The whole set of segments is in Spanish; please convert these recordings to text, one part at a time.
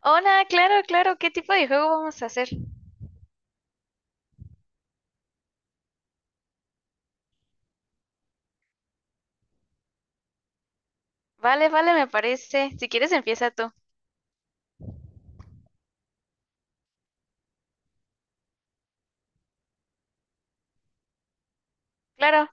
Hola, claro, claro, ¿qué tipo de juego vamos a hacer? Vale, vale, me parece. Si quieres, empieza tú. Claro,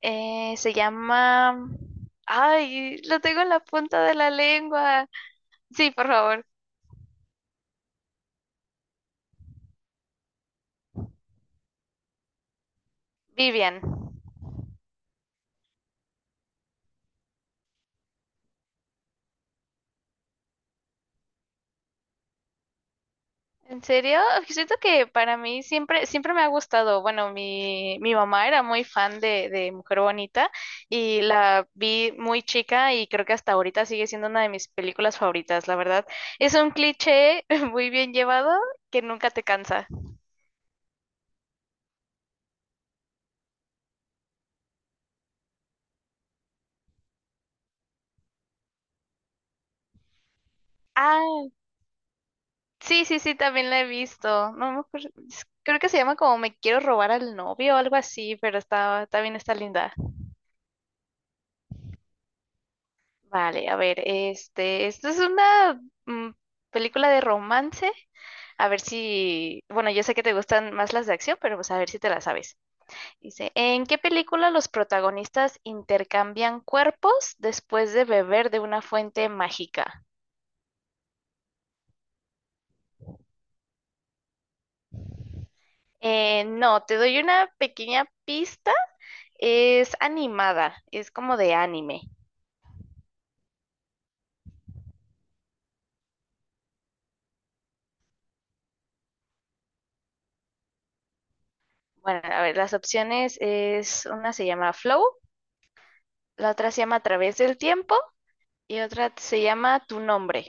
se llama... Ay, lo tengo en la punta de la lengua. Sí, por favor, Vivian. ¿En serio? Siento que para mí siempre, siempre me ha gustado. Bueno, mi mamá era muy fan de Mujer Bonita, y la vi muy chica y creo que hasta ahorita sigue siendo una de mis películas favoritas, la verdad. Es un cliché muy bien llevado que nunca te cansa. Ah, sí, sí, sí, también la he visto. No me acuerdo. Creo que se llama como Me quiero robar al novio o algo así, pero está, también está linda. Vale, a ver, este, esta es una mm, película de romance. A ver si, bueno, yo sé que te gustan más las de acción, pero pues a ver si te la sabes. Dice, ¿en qué película los protagonistas intercambian cuerpos después de beber de una fuente mágica? No, te doy una pequeña pista. Es animada, es como de anime. Bueno, a ver, las opciones es, una se llama Flow, la otra se llama A través del tiempo y otra se llama Tu nombre.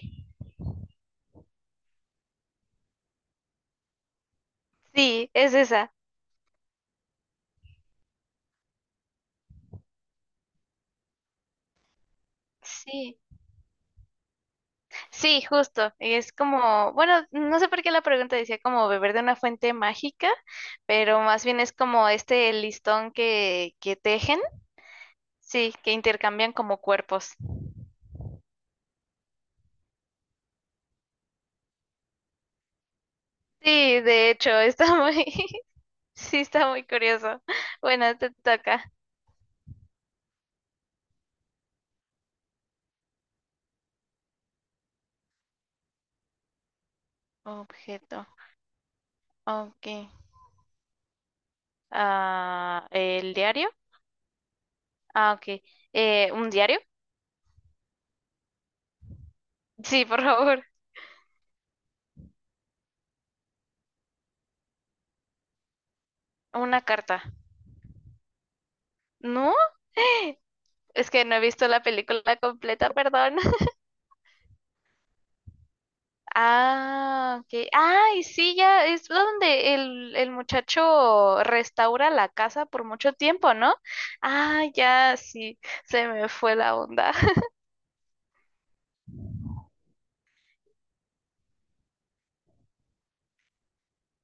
Sí, es esa. Sí, sí, justo. Es como, bueno, no sé por qué la pregunta decía como beber de una fuente mágica, pero más bien es como este listón que tejen, sí, que intercambian como cuerpos. Sí, de hecho, está muy, sí, está muy curioso. Bueno, te toca. Objeto. Ok. Ah, ¿el diario? Ah, ok. ¿Un diario? Sí, por favor. Una carta. ¿No? Es que no he visto la película completa, perdón. Ah, ok. Ay, sí, ya es donde el muchacho restaura la casa por mucho tiempo, ¿no? Ah, ya, sí, se me fue la onda.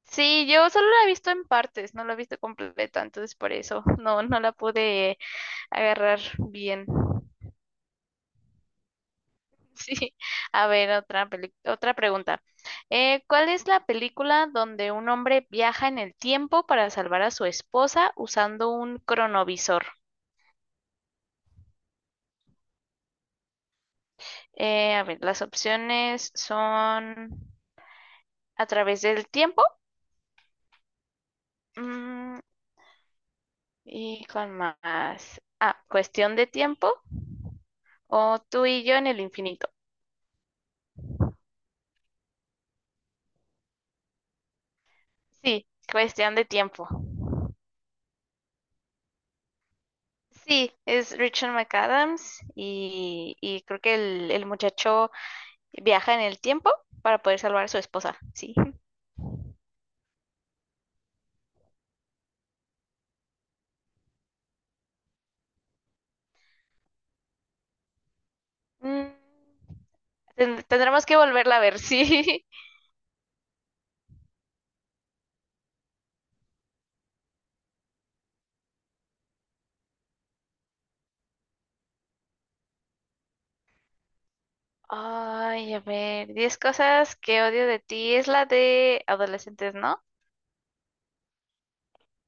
Sí, yo solo la he visto en partes, no la he visto completa, entonces por eso no, no la pude agarrar bien. Sí. A ver, otra pregunta. ¿Cuál es la película donde un hombre viaja en el tiempo para salvar a su esposa usando un cronovisor? A ver, las opciones son a través del tiempo, mm, y con más. Ah, cuestión de tiempo o tú y yo en el infinito. Sí, cuestión de tiempo. Sí, es Richard McAdams y creo que el muchacho viaja en el tiempo para poder salvar a su esposa, sí. Mm, tendremos que volverla a ver, sí. Ay, a ver, diez cosas que odio de ti es la de adolescentes, ¿no?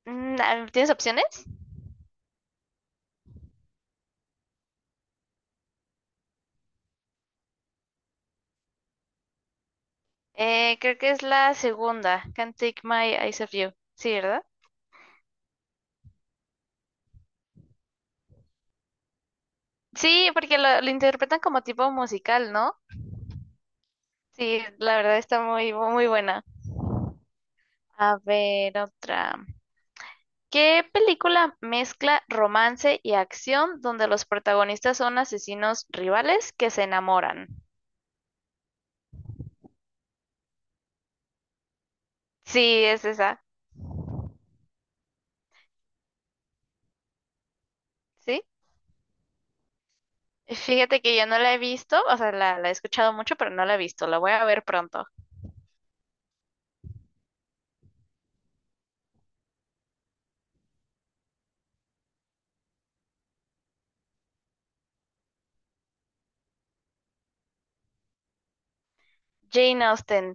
Mm, a ver, ¿tienes opciones? Creo que es la segunda, Can't Take My Eyes Off You. Sí, ¿verdad? Sí, porque lo interpretan como tipo musical, ¿no? Sí, la verdad está muy, muy buena. A ver, otra. ¿Qué película mezcla romance y acción donde los protagonistas son asesinos rivales que se enamoran? Sí, es esa. ¿Sí? Fíjate que yo no la he visto, o sea, la he escuchado mucho, pero no la he visto. La voy a ver pronto. Jane Austen.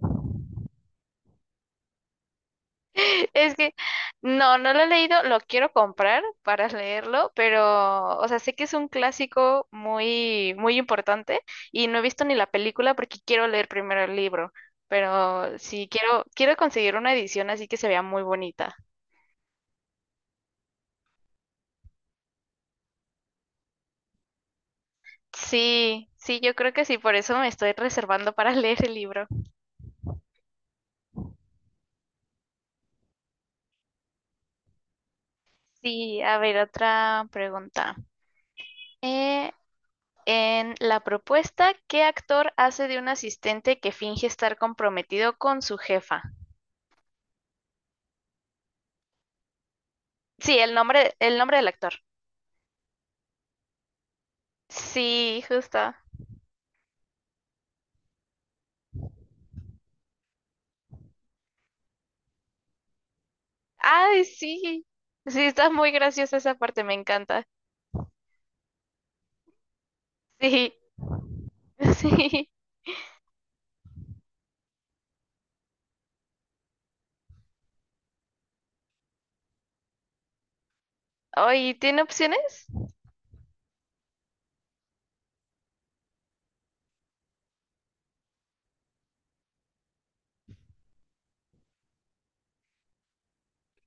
Es que no, no lo he leído, lo quiero comprar para leerlo, pero, o sea, sé que es un clásico muy, muy importante y no he visto ni la película porque quiero leer primero el libro, pero sí quiero, quiero conseguir una edición así que se vea muy bonita. Sí, sí, yo creo que sí, por eso me estoy reservando para leer el libro. Sí, a ver, otra pregunta. Eh, en la propuesta, ¿qué actor hace de un asistente que finge estar comprometido con su jefa? Sí, el nombre del actor. Sí, justo. Ay, sí. Sí, está muy graciosa esa parte, me encanta. Sí, sí. Ay, ¿tiene opciones?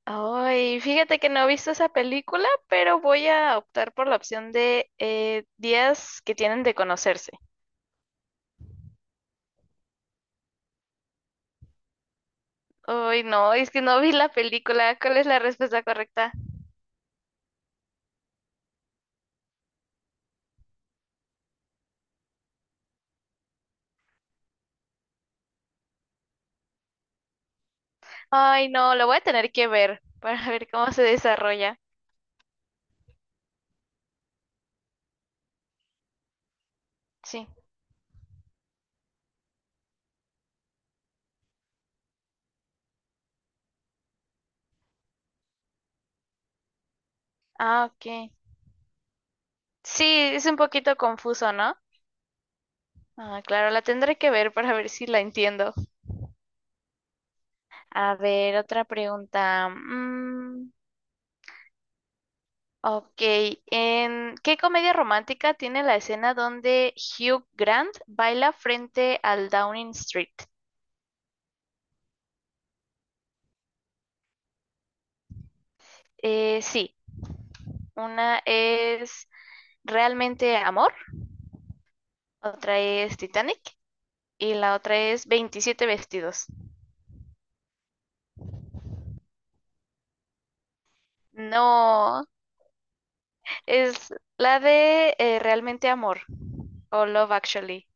Ay, fíjate que no he visto esa película, pero voy a optar por la opción de días que tienen de conocerse. Ay, no, es que no vi la película. ¿Cuál es la respuesta correcta? Ay, no, lo voy a tener que ver para ver cómo se desarrolla. Sí. Ah, ok. Sí, es un poquito confuso, ¿no? Ah, claro, la tendré que ver para ver si la entiendo. A ver, otra pregunta. Mm, ok, ¿en qué comedia romántica tiene la escena donde Hugh Grant baila frente al Downing Street? Sí, una es Realmente Amor, otra es Titanic y la otra es Veintisiete vestidos. No, es la de Realmente Amor o Love Actually.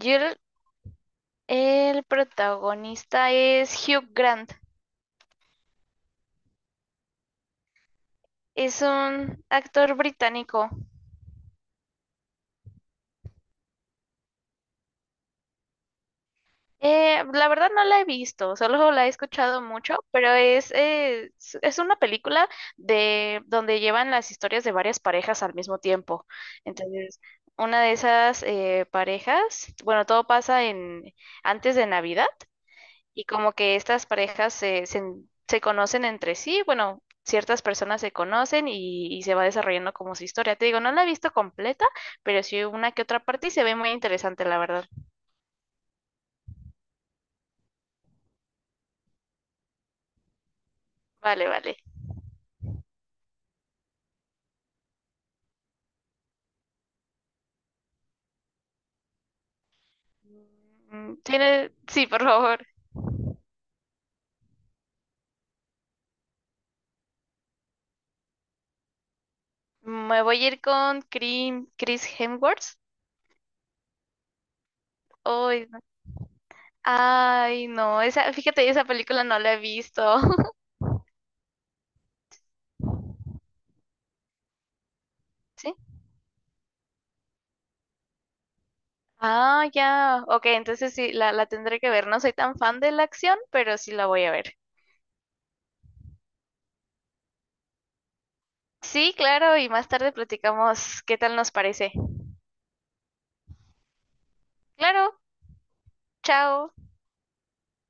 Yo el protagonista es Hugh Grant. Es un actor británico. La verdad no la he visto, solo la he escuchado mucho, pero es, es una película de donde llevan las historias de varias parejas al mismo tiempo. Entonces, una de esas parejas, bueno, todo pasa en antes de Navidad y como que estas parejas se conocen entre sí, bueno, ciertas personas se conocen y se va desarrollando como su historia. Te digo, no la he visto completa, pero sí una que otra parte y se ve muy interesante, la verdad. Vale, vale. Mm, tiene, sí, por favor. Me voy a ir con Chris Hemsworth. Ay, no, ay, no, esa, fíjate, esa película no la he visto. ¿Sí? Ah, ya. Ok, entonces sí, la tendré que ver. No soy tan fan de la acción, pero sí la voy a ver. Sí, claro, y más tarde platicamos qué tal nos parece. Claro, chao.